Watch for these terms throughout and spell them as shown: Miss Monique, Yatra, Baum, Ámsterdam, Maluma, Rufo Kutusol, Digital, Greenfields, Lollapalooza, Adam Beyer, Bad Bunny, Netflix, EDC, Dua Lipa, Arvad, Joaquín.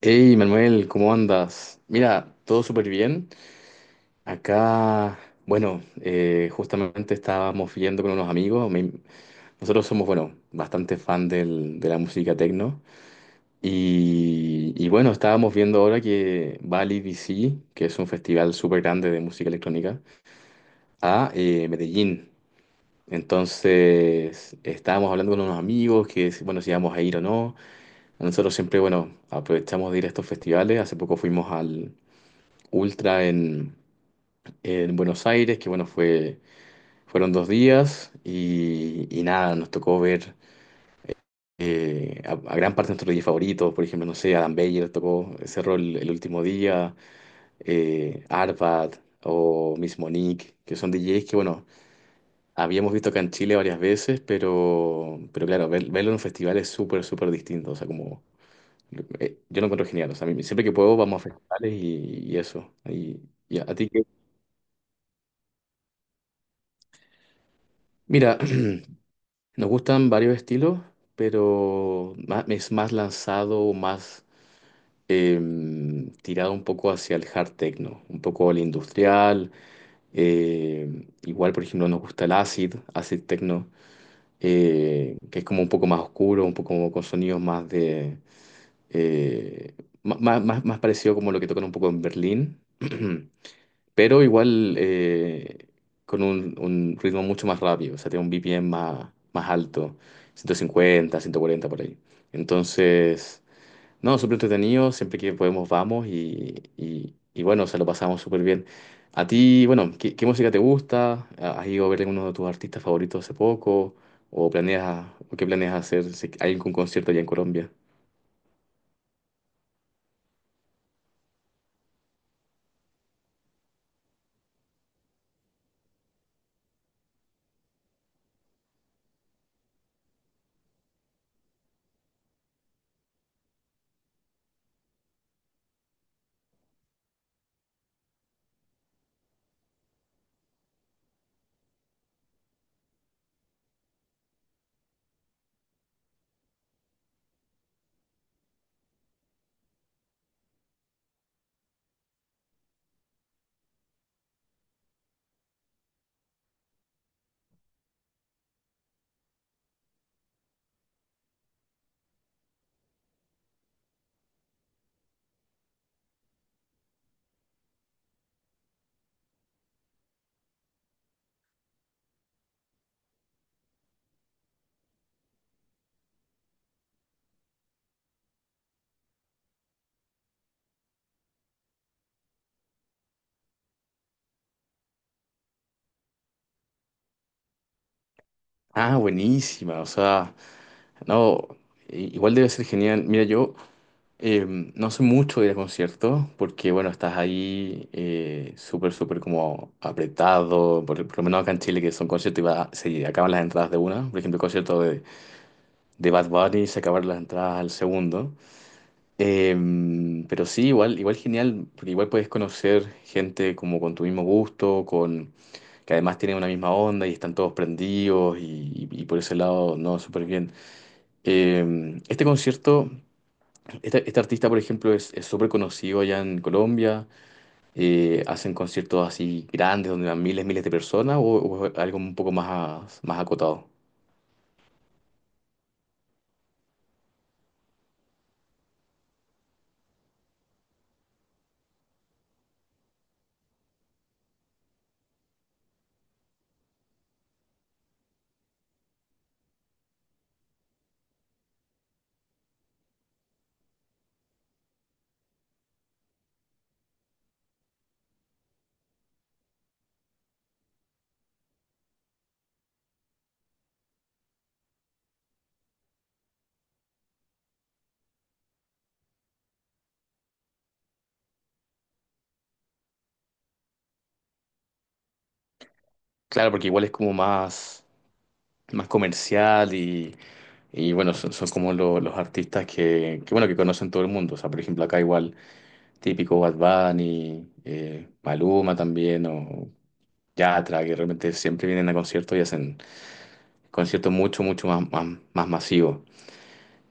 Hey Manuel, ¿cómo andas? Mira, todo súper bien. Acá, bueno, justamente estábamos viendo con unos amigos. Nosotros somos, bueno, bastante fan de la música techno. Y bueno, estábamos viendo ahora que va al EDC, que es un festival súper grande de música electrónica, a Medellín. Entonces, estábamos hablando con unos amigos que, bueno, si íbamos a ir o no. Nosotros siempre, bueno, aprovechamos de ir a estos festivales. Hace poco fuimos al ultra en Buenos Aires, que bueno, fueron 2 días y nada, nos tocó ver a gran parte de nuestros DJs favoritos, por ejemplo, no sé, Adam Beyer tocó, cerró el último día, Arvad o Miss Monique, que son DJs que bueno, habíamos visto acá en Chile varias veces, pero claro, verlo en un festival es súper, súper distinto, o sea, como... yo lo encuentro genial, o sea, siempre que puedo vamos a festivales y eso. Y a ti que... Mira, nos gustan varios estilos, pero es más lanzado, más tirado un poco hacia el hard techno, un poco al industrial. Igual, por ejemplo, nos gusta el acid techno, que es como un poco más oscuro, un poco como con sonidos más de eh, más parecido como lo que tocan un poco en Berlín. Pero igual con un ritmo mucho más rápido, o sea, tiene un BPM más, más alto, 150, 140 por ahí. Entonces, no, súper entretenido, siempre que podemos vamos y bueno, se lo pasamos súper bien. A ti, bueno, ¿qué música te gusta? Ah, ¿has ido a ver alguno de tus artistas favoritos hace poco? ¿O planeas, o qué planeas hacer si hay algún concierto allá en Colombia? Ah, buenísima, o sea, no, igual debe ser genial. Mira, yo... no sé mucho de ir a conciertos porque, bueno, estás ahí súper, súper como apretado. Por lo menos acá en Chile, que son conciertos y se acaban las entradas de una. Por ejemplo, el concierto de Bad Bunny se acabaron las entradas al segundo. Pero sí, igual, igual genial, porque igual puedes conocer gente como con tu mismo gusto, con que además tienen una misma onda y están todos prendidos y por ese lado, no, súper bien. Este concierto. Este artista, por ejemplo, es súper conocido allá en Colombia. Hacen conciertos así grandes donde van miles, miles de personas o algo un poco más, más acotado. Claro, porque igual es como más, más comercial y bueno, son como los artistas que, bueno, que conocen todo el mundo. O sea, por ejemplo, acá igual típico Bad Bunny, Maluma también o Yatra, que realmente siempre vienen a conciertos y hacen conciertos mucho, mucho más, más, más masivos.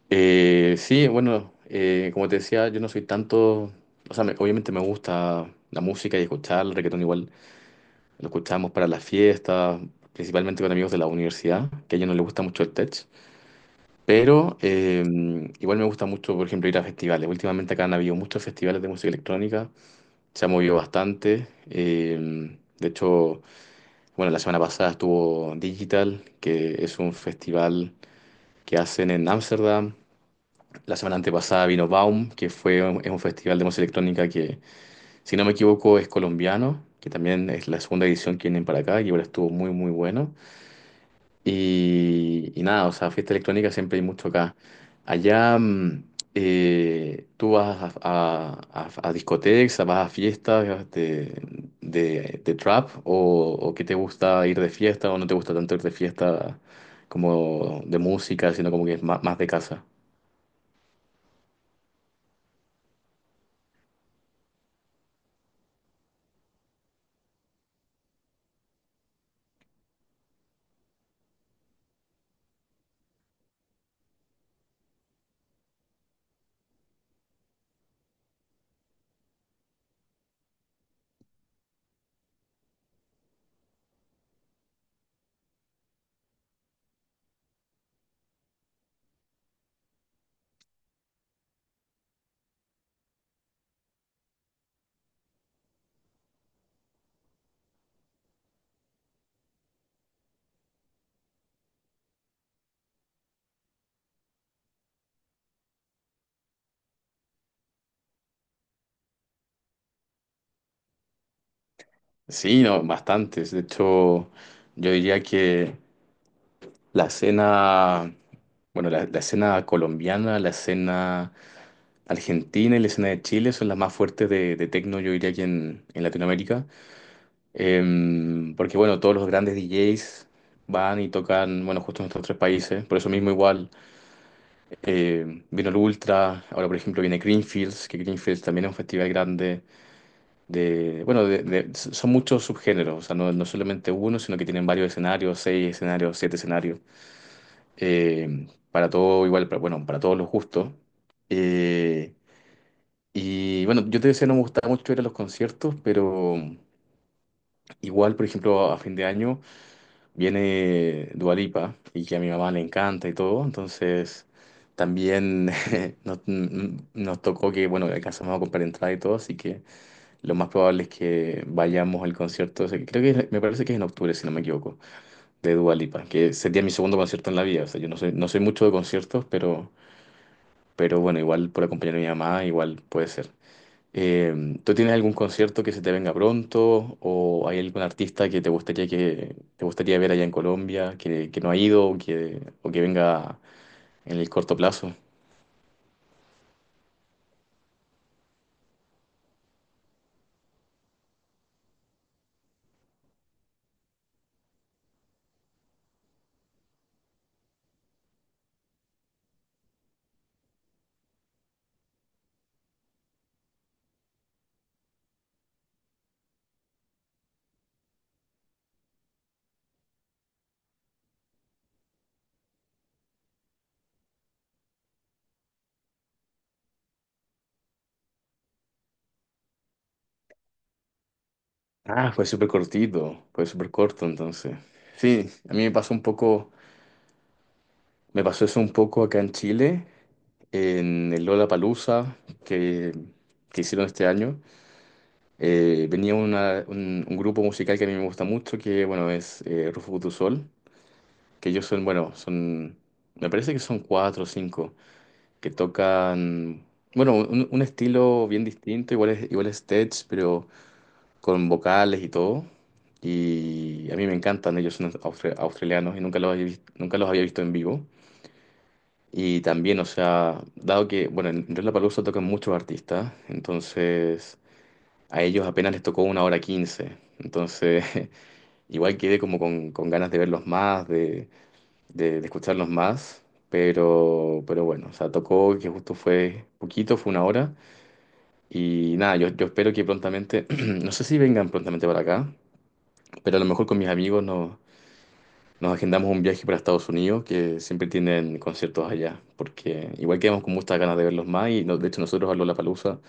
Sí, bueno, como te decía, yo no soy tanto, o sea, obviamente me gusta la música y escuchar el reggaetón igual, lo escuchamos para las fiestas, principalmente con amigos de la universidad, que a ellos no les gusta mucho el tech, pero igual me gusta mucho, por ejemplo, ir a festivales. Últimamente acá han habido muchos festivales de música electrónica, se ha movido bastante, de hecho, bueno, la semana pasada estuvo Digital, que es un festival que hacen en Ámsterdam. La semana antepasada vino Baum, que es un festival de música electrónica que, si no me equivoco, es colombiano, que también es la segunda edición que vienen para acá y ahora estuvo muy, muy bueno. Y nada, o sea, fiesta electrónica siempre hay mucho acá. Allá tú vas a discotecas, vas a fiestas de, de trap o que te gusta ir de fiesta o no te gusta tanto ir de fiesta como de música, sino como que es más más de casa. Sí, no, bastantes. De hecho, yo diría que la escena, bueno, la escena colombiana, la escena argentina y la escena de Chile son las más fuertes de techno, yo diría que en Latinoamérica. Porque, bueno, todos los grandes DJs van y tocan, bueno, justo en estos tres países. Por eso mismo igual, vino el Ultra, ahora por ejemplo viene Greenfields, que Greenfields también es un festival grande. De, bueno, son muchos subgéneros, o sea, no solamente uno, sino que tienen varios escenarios, seis escenarios, siete escenarios, para todo igual, para, bueno, para todos los gustos. Eh, y bueno, yo te decía, no me gustaba mucho ir a los conciertos, pero igual, por ejemplo, a fin de año viene Dua Lipa y que a mi mamá le encanta y todo, entonces también nos tocó que, bueno, alcanzamos a comprar entrada y todo, así que... Lo más probable es que vayamos al concierto, o sea, que creo que me parece que es en octubre, si no me equivoco, de Dua Lipa, que sería mi segundo concierto en la vida. O sea, yo no soy, no soy mucho de conciertos, pero bueno, igual por acompañar a mi mamá, igual puede ser. ¿Tú tienes algún concierto que se te venga pronto o hay algún artista que te gustaría ver allá en Colombia que no ha ido o que venga en el corto plazo? Ah, fue súper cortito, fue súper corto entonces. Sí, a mí me pasó eso un poco acá en Chile, en el Lollapalooza que, que hicieron este año. Venía un grupo musical que a mí me gusta mucho, que bueno, es Rufo Kutusol, que ellos son, bueno, son, me parece que son cuatro o cinco, que tocan, bueno, un estilo bien distinto, igual es tech, pero con vocales y todo. Y a mí me encantan, ellos son australianos y nunca los había visto en vivo. Y también, o sea, dado que, bueno, en Lollapalooza tocan muchos artistas, entonces a ellos apenas les tocó una hora quince. Entonces, igual quedé como con ganas de verlos más, de escucharlos más, pero bueno, o sea, tocó que justo fue poquito, fue una hora. Y nada, yo espero que prontamente, no sé si vengan prontamente para acá, pero a lo mejor con mis amigos nos agendamos un viaje para Estados Unidos, que siempre tienen conciertos allá, porque igual quedamos con muchas ganas de verlos más y de hecho nosotros a Lollapalooza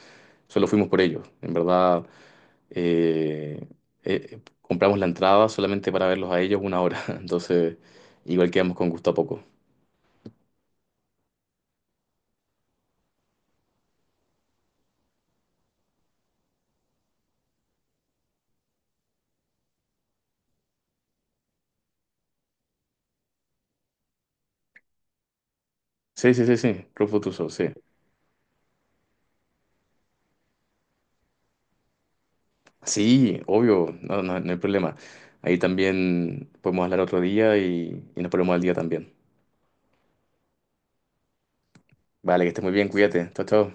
solo fuimos por ellos. En verdad, eh, compramos la entrada solamente para verlos a ellos una hora, entonces igual quedamos con gusto a poco. Sí, sí, sí, sí, Club Futuso, sí. Sí, obvio, no, no, no hay problema. Ahí también podemos hablar otro día y nos ponemos al día también. Vale, que estés muy bien, cuídate. Chao, chao.